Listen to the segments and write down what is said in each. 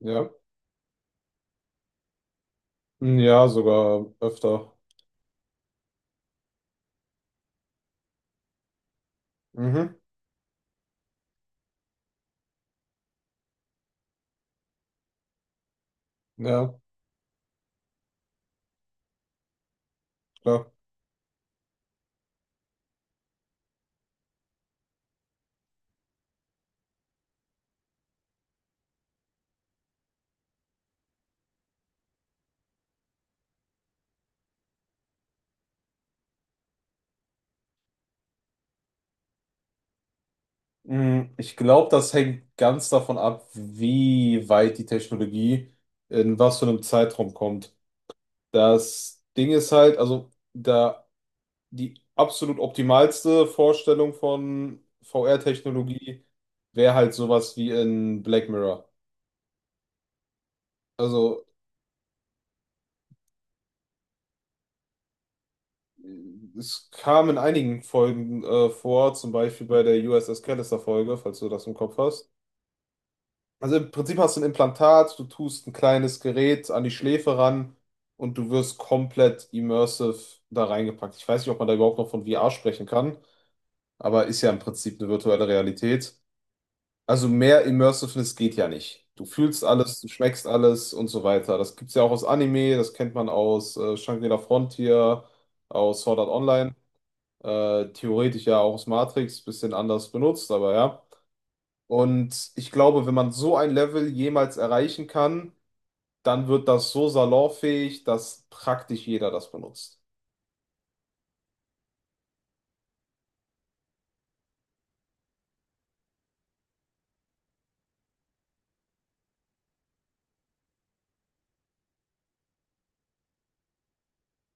Ja. Ja, sogar öfter. Mhm. Ja, klar. Ich glaube, das hängt ganz davon ab, wie weit die Technologie in was für einem Zeitraum kommt. Das Ding ist halt, also da die absolut optimalste Vorstellung von VR-Technologie wäre halt sowas wie in Black Mirror. Also es kam in einigen Folgen vor, zum Beispiel bei der USS Callister-Folge, falls du das im Kopf hast. Also im Prinzip hast du ein Implantat, du tust ein kleines Gerät an die Schläfe ran und du wirst komplett immersive da reingepackt. Ich weiß nicht, ob man da überhaupt noch von VR sprechen kann, aber ist ja im Prinzip eine virtuelle Realität. Also mehr Immersiveness geht ja nicht. Du fühlst alles, du schmeckst alles und so weiter. Das gibt's ja auch aus Anime, das kennt man aus Shangri-La Frontier, aus Sword Art Online, theoretisch ja auch aus Matrix, bisschen anders benutzt, aber ja. Und ich glaube, wenn man so ein Level jemals erreichen kann, dann wird das so salonfähig, dass praktisch jeder das benutzt.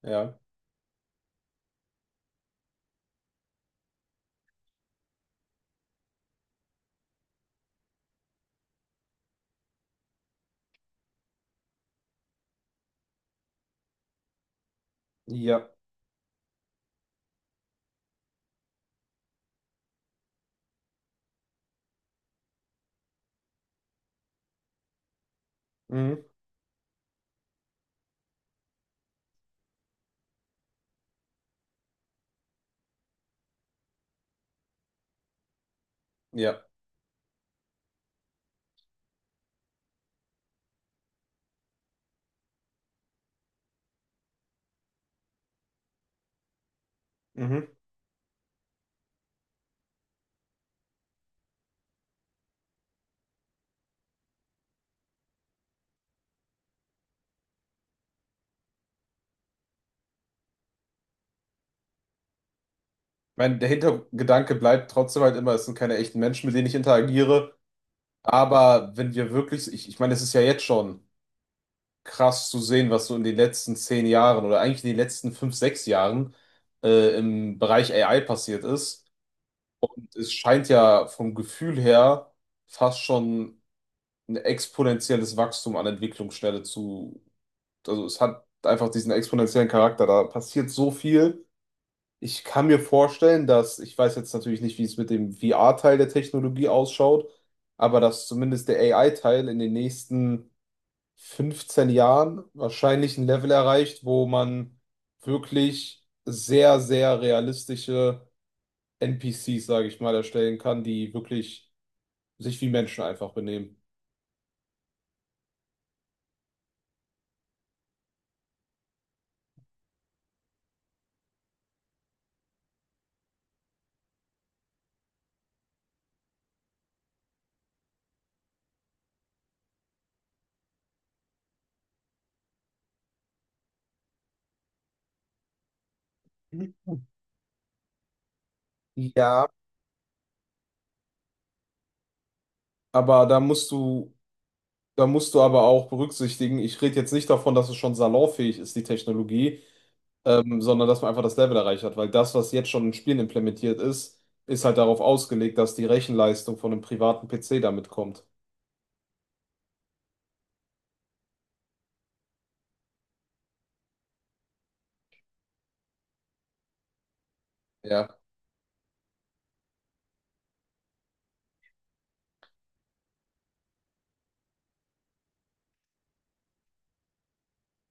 Ja. Ja. Mhm. Ja. Mhm. Mein, der Hintergedanke bleibt trotzdem halt immer, es sind keine echten Menschen, mit denen ich interagiere. Aber wenn wir wirklich, ich meine, es ist ja jetzt schon krass zu sehen, was so in den letzten 10 Jahren oder eigentlich in den letzten 5, 6 Jahren im Bereich AI passiert ist. Es scheint ja vom Gefühl her fast schon ein exponentielles Wachstum an Entwicklungsschnelle zu, also es hat einfach diesen exponentiellen Charakter. Da passiert so viel. Ich kann mir vorstellen, dass, ich weiß jetzt natürlich nicht, wie es mit dem VR-Teil der Technologie ausschaut, aber dass zumindest der AI-Teil in den nächsten 15 Jahren wahrscheinlich ein Level erreicht, wo man wirklich sehr, sehr realistische NPCs, sage ich mal, erstellen kann, die wirklich sich wie Menschen einfach benehmen. Ja, aber da musst du aber auch berücksichtigen, ich rede jetzt nicht davon, dass es schon salonfähig ist, die Technologie, sondern dass man einfach das Level erreicht hat, weil das, was jetzt schon in Spielen implementiert ist, ist halt darauf ausgelegt, dass die Rechenleistung von einem privaten PC damit kommt. Ja.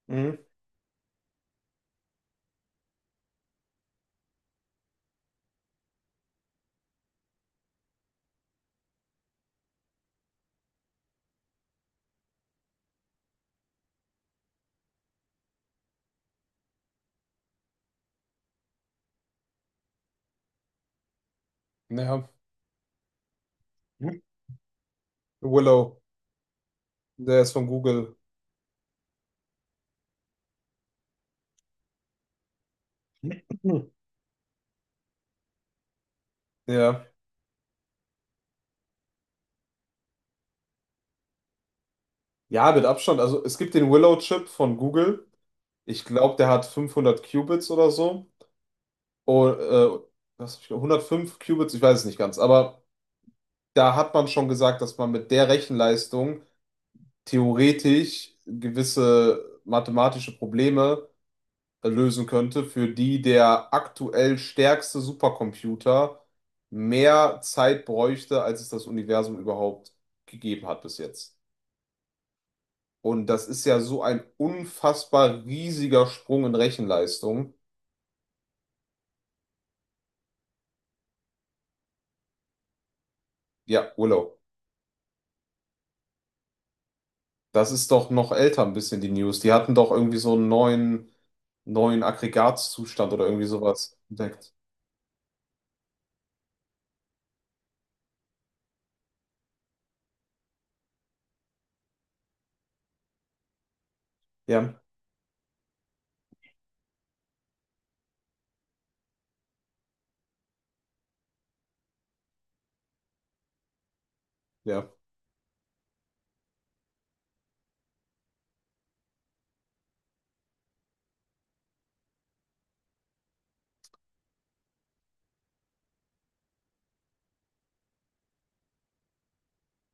Mhm. Ja. Willow, der ist von Google. Mhm. Ja. Ja, mit Abstand. Also es gibt den Willow-Chip von Google. Ich glaube, der hat 500 Qubits oder so. Oh, was hab ich, 105 Qubits, ich weiß es nicht ganz, aber da hat man schon gesagt, dass man mit der Rechenleistung theoretisch gewisse mathematische Probleme lösen könnte, für die der aktuell stärkste Supercomputer mehr Zeit bräuchte, als es das Universum überhaupt gegeben hat bis jetzt. Und das ist ja so ein unfassbar riesiger Sprung in Rechenleistung. Ja, Willow, das ist doch noch älter ein bisschen die News. Die hatten doch irgendwie so einen neuen Aggregatzustand oder irgendwie sowas entdeckt. Ja, ja,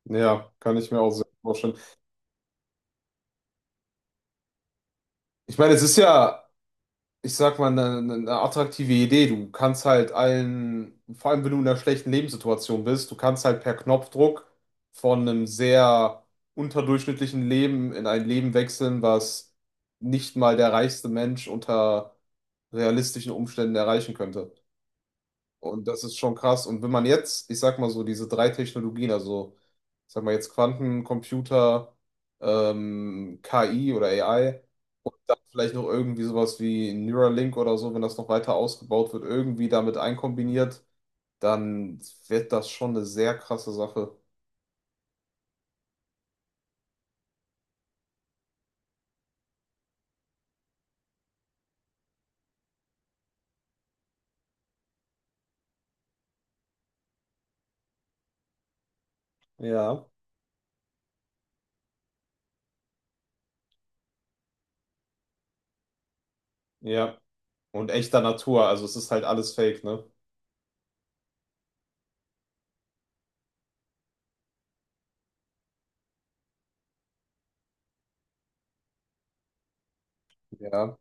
ja, kann ich mir auch sehr vorstellen. Ich meine, es ist ja, ich sag mal, eine attraktive Idee. Du kannst halt allen, vor allem wenn du in einer schlechten Lebenssituation bist, du kannst halt per Knopfdruck von einem sehr unterdurchschnittlichen Leben in ein Leben wechseln, was nicht mal der reichste Mensch unter realistischen Umständen erreichen könnte. Und das ist schon krass. Und wenn man jetzt, ich sag mal so, diese drei Technologien, also ich sag mal jetzt Quantencomputer, KI oder AI und dann vielleicht noch irgendwie sowas wie Neuralink oder so, wenn das noch weiter ausgebaut wird, irgendwie damit einkombiniert, dann wird das schon eine sehr krasse Sache. Ja. Ja. Und echter Natur, also es ist halt alles fake, ne? Ja.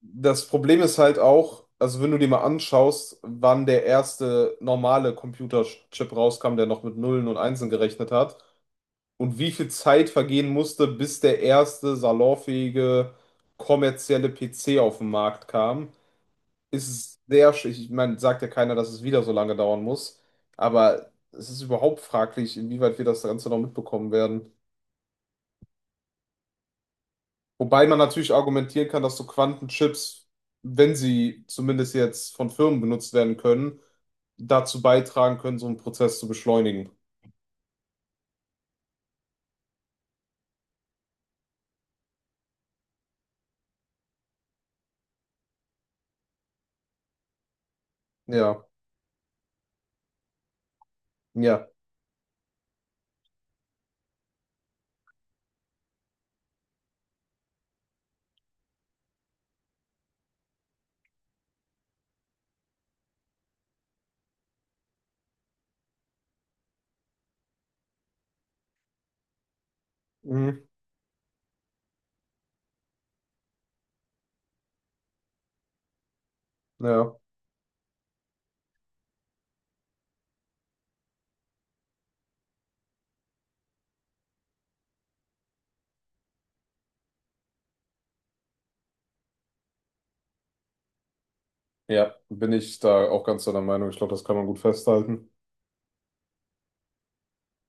Das Problem ist halt auch, also wenn du dir mal anschaust, wann der erste normale Computerchip rauskam, der noch mit Nullen und Einsen gerechnet hat und wie viel Zeit vergehen musste, bis der erste salonfähige kommerzielle PC auf den Markt kam, ist sehr, ich meine, sagt ja keiner, dass es wieder so lange dauern muss, aber es ist überhaupt fraglich, inwieweit wir das Ganze noch mitbekommen werden. Wobei man natürlich argumentieren kann, dass so Quantenchips, wenn sie zumindest jetzt von Firmen benutzt werden können, dazu beitragen können, so einen Prozess zu beschleunigen. Ja, ja, mhm. Ja, ja, bin ich da auch ganz deiner Meinung. Ich glaube, das kann man gut festhalten.